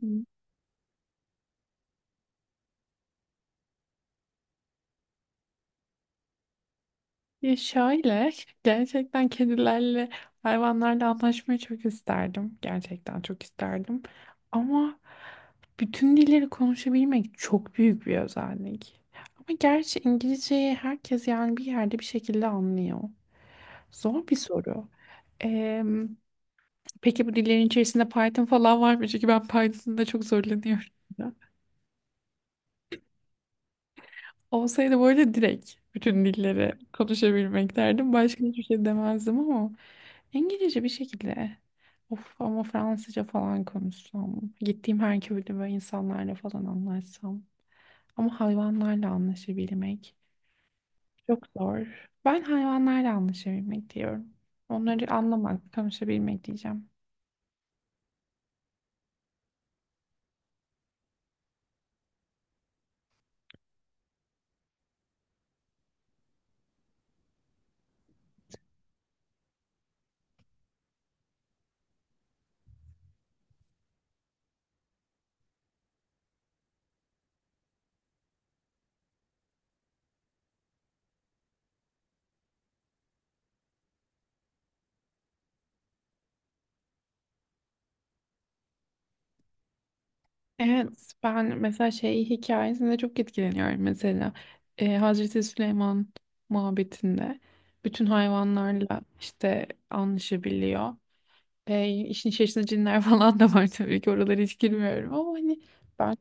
Hı. Ya şöyle gerçekten kedilerle hayvanlarla anlaşmayı çok isterdim. Gerçekten çok isterdim. Ama bütün dilleri konuşabilmek çok büyük bir özellik. Ama gerçi İngilizceyi herkes yani bir yerde bir şekilde anlıyor. Zor bir soru. Ee, peki bu dillerin içerisinde Python falan var mı? Çünkü ben Python'da çok zorlanıyorum. Olsaydı böyle direkt bütün dilleri konuşabilmek derdim. Başka hiçbir şey demezdim ama. İngilizce bir şekilde. Of ama Fransızca falan konuşsam. Gittiğim her köyde böyle insanlarla falan anlaşsam. Ama hayvanlarla anlaşabilmek çok zor. Ben hayvanlarla anlaşabilmek diyorum. Onları anlamak, konuşabilmek diyeceğim. Evet, ben mesela şey hikayesinde çok etkileniyorum mesela. Hazreti Süleyman muhabbetinde bütün hayvanlarla işte anlaşabiliyor. İşin içerisinde cinler falan da var tabii ki oralara hiç girmiyorum ama hani ben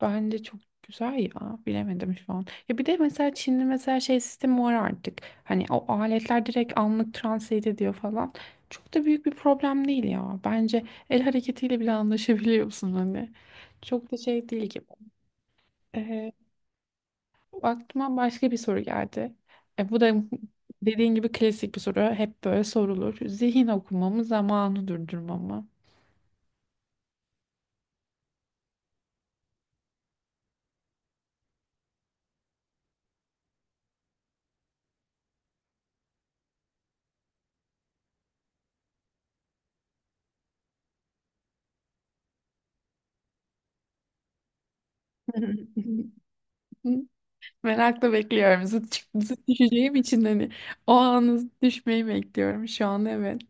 bence çok güzel ya bilemedim şu an. Ya bir de mesela Çin'de mesela şey sistemi var artık hani o aletler direkt anlık translate ediyor falan, çok da büyük bir problem değil ya bence, el hareketiyle bile anlaşabiliyorsun hani, çok da şey değil gibi. E, Aklıma başka bir soru geldi. Bu da dediğin gibi klasik bir soru, hep böyle sorulur: zihin okumamı zamanı durdurmamı. Hı, merakla bekliyorum. Zıt düşeceğim için hani, o anı, zıt düşmeyi bekliyorum şu an, evet.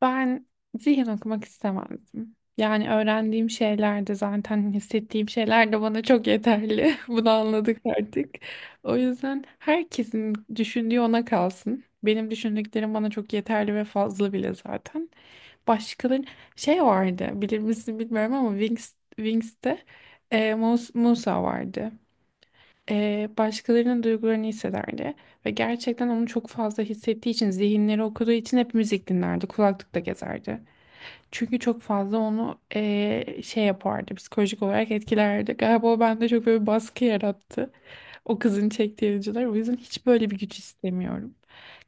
Ben zihin okumak istemezdim. Yani öğrendiğim şeyler de zaten, hissettiğim şeyler de bana çok yeterli. Bunu anladık artık. O yüzden herkesin düşündüğü ona kalsın. Benim düşündüklerim bana çok yeterli ve fazla bile zaten. Başkaları şey vardı, bilir misin bilmiyorum ama Wings'te Musa vardı. Başkalarının duygularını hissederdi ve gerçekten onu çok fazla hissettiği için, zihinleri okuduğu için hep müzik dinlerdi, kulaklıkla gezerdi. Çünkü çok fazla onu şey yapardı, psikolojik olarak etkilerdi. Galiba o bende çok böyle bir baskı yarattı. O kızın çektiği acılar. O yüzden hiç böyle bir güç istemiyorum.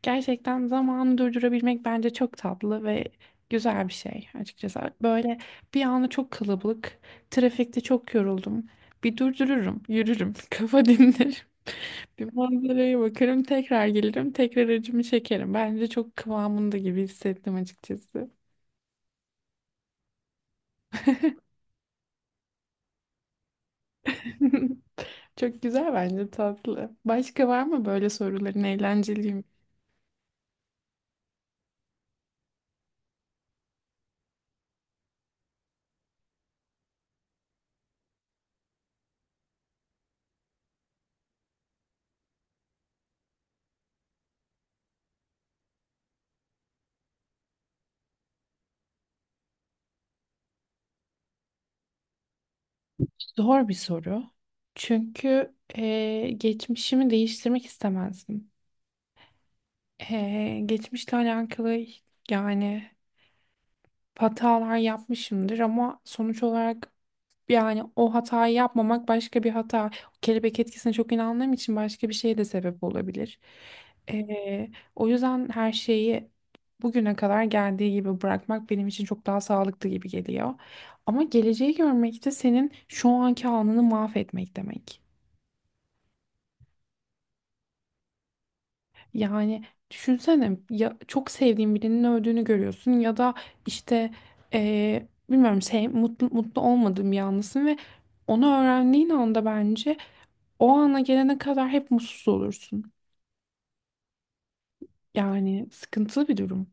Gerçekten zamanı durdurabilmek bence çok tatlı ve güzel bir şey açıkçası. Böyle, bir anda çok kalabalık, trafikte çok yoruldum. Bir durdururum, yürürüm, kafa dinlerim. Bir manzaraya bakarım, tekrar gelirim, tekrar acımı çekerim. Bence çok kıvamında gibi hissettim açıkçası. Çok güzel, bence tatlı. Başka var mı böyle soruların eğlenceli? Zor bir soru. Çünkü geçmişimi değiştirmek istemezdim. Geçmişle alakalı yani hatalar yapmışımdır ama sonuç olarak, yani o hatayı yapmamak başka bir hata. Kelebek etkisine çok inandığım için başka bir şeye de sebep olabilir. Ee, O yüzden her şeyi bugüne kadar geldiği gibi bırakmak benim için çok daha sağlıklı gibi geliyor. Ama geleceği görmek de senin şu anki anını mahvetmek demek. Yani düşünsene ya, çok sevdiğin birinin öldüğünü görüyorsun ya da işte bilmiyorum mutlu olmadığın bir anlısın ve onu öğrendiğin anda, bence o ana gelene kadar hep mutsuz olursun. Yani sıkıntılı bir durum.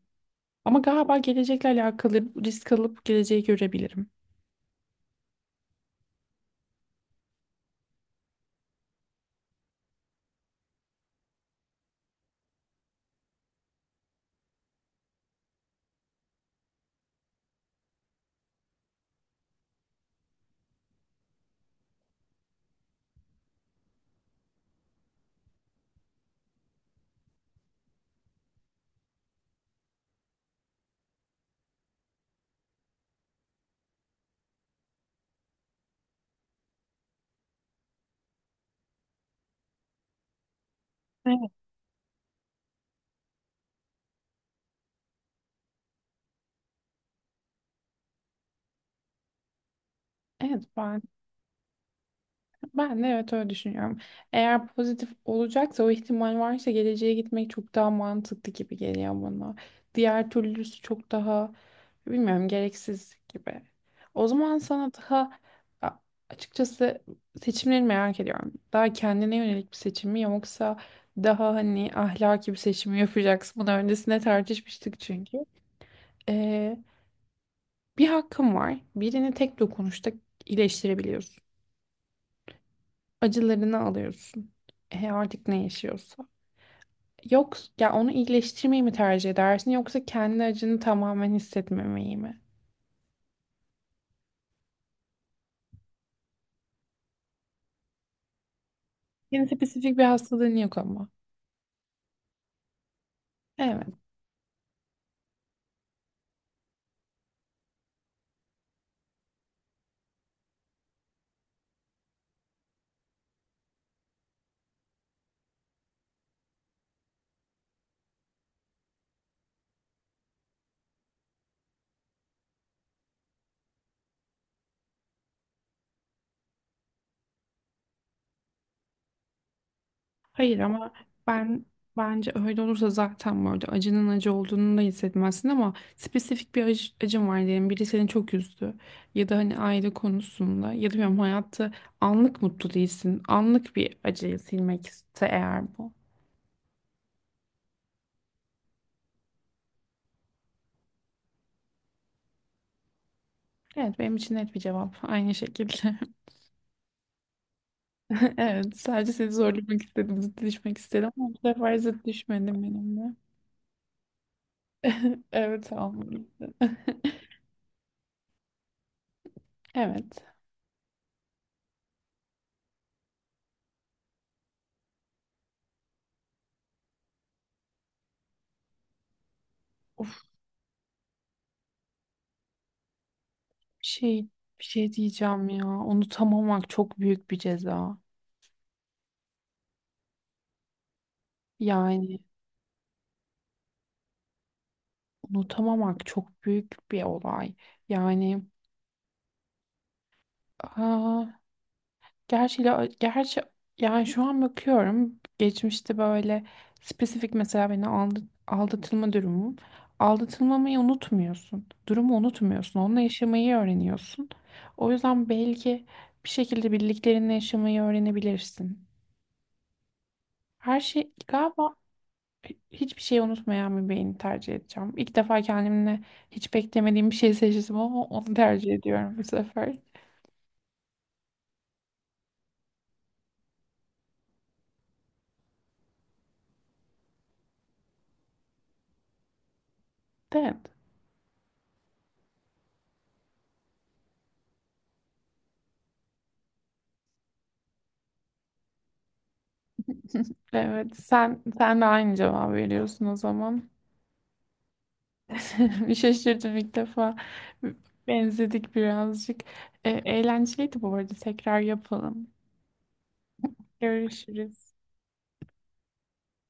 Ama galiba gelecekle alakalı risk alıp geleceği görebilirim. Evet. Evet, ben de evet öyle düşünüyorum. Eğer pozitif olacaksa, o ihtimal varsa, geleceğe gitmek çok daha mantıklı gibi geliyor bana. Diğer türlüsü çok daha, bilmiyorum, gereksiz gibi. O zaman sana daha a- açıkçası seçimleri merak ediyorum. Daha kendine yönelik bir seçim mi yoksa daha hani ahlaki bir seçim mi yapacaksın? Bunu öncesinde tartışmıştık çünkü. Ee, Bir hakkın var. Birini tek dokunuşta iyileştirebiliyorsun. Acılarını alıyorsun. Artık ne yaşıyorsa. Yok ya, onu iyileştirmeyi mi tercih edersin yoksa kendi acını tamamen hissetmemeyi mi? Senin spesifik bir hastalığın yok ama. Evet. Hayır ama ben bence öyle olursa zaten böyle acının acı olduğunu da hissetmezsin, ama spesifik bir acın var diyelim. Biri seni çok üzdü ya da hani aile konusunda ya da bilmiyorum, hayatta anlık mutlu değilsin. Anlık bir acıyı silmek ise eğer bu. Evet, benim için net bir cevap aynı şekilde. Evet, sadece seni zorlamak istedim, zıt düşmek istedim ama bu sefer zıt düşmedim benimle. Evet, almadım. Evet. Bir şey bir şey diyeceğim ya. Unutamamak çok büyük bir ceza. Yani unutamamak çok büyük bir olay. Yani, aa, gerçi yani şu an bakıyorum, geçmişte böyle spesifik, mesela beni aldatılma durumum. Aldatılmamayı unutmuyorsun. Durumu unutmuyorsun. Onunla yaşamayı öğreniyorsun. O yüzden belki bir şekilde birliklerinle yaşamayı öğrenebilirsin. Her şey galiba, hiçbir şeyi unutmayan bir beyni tercih edeceğim. İlk defa kendimle hiç beklemediğim bir şey seçtim ama onu tercih ediyorum bu sefer. Evet. Evet, sen de aynı cevabı veriyorsun o zaman. Bir şaşırdım ilk defa. Benzedik birazcık. Eğlenceliydi bu arada. Tekrar yapalım. Görüşürüz.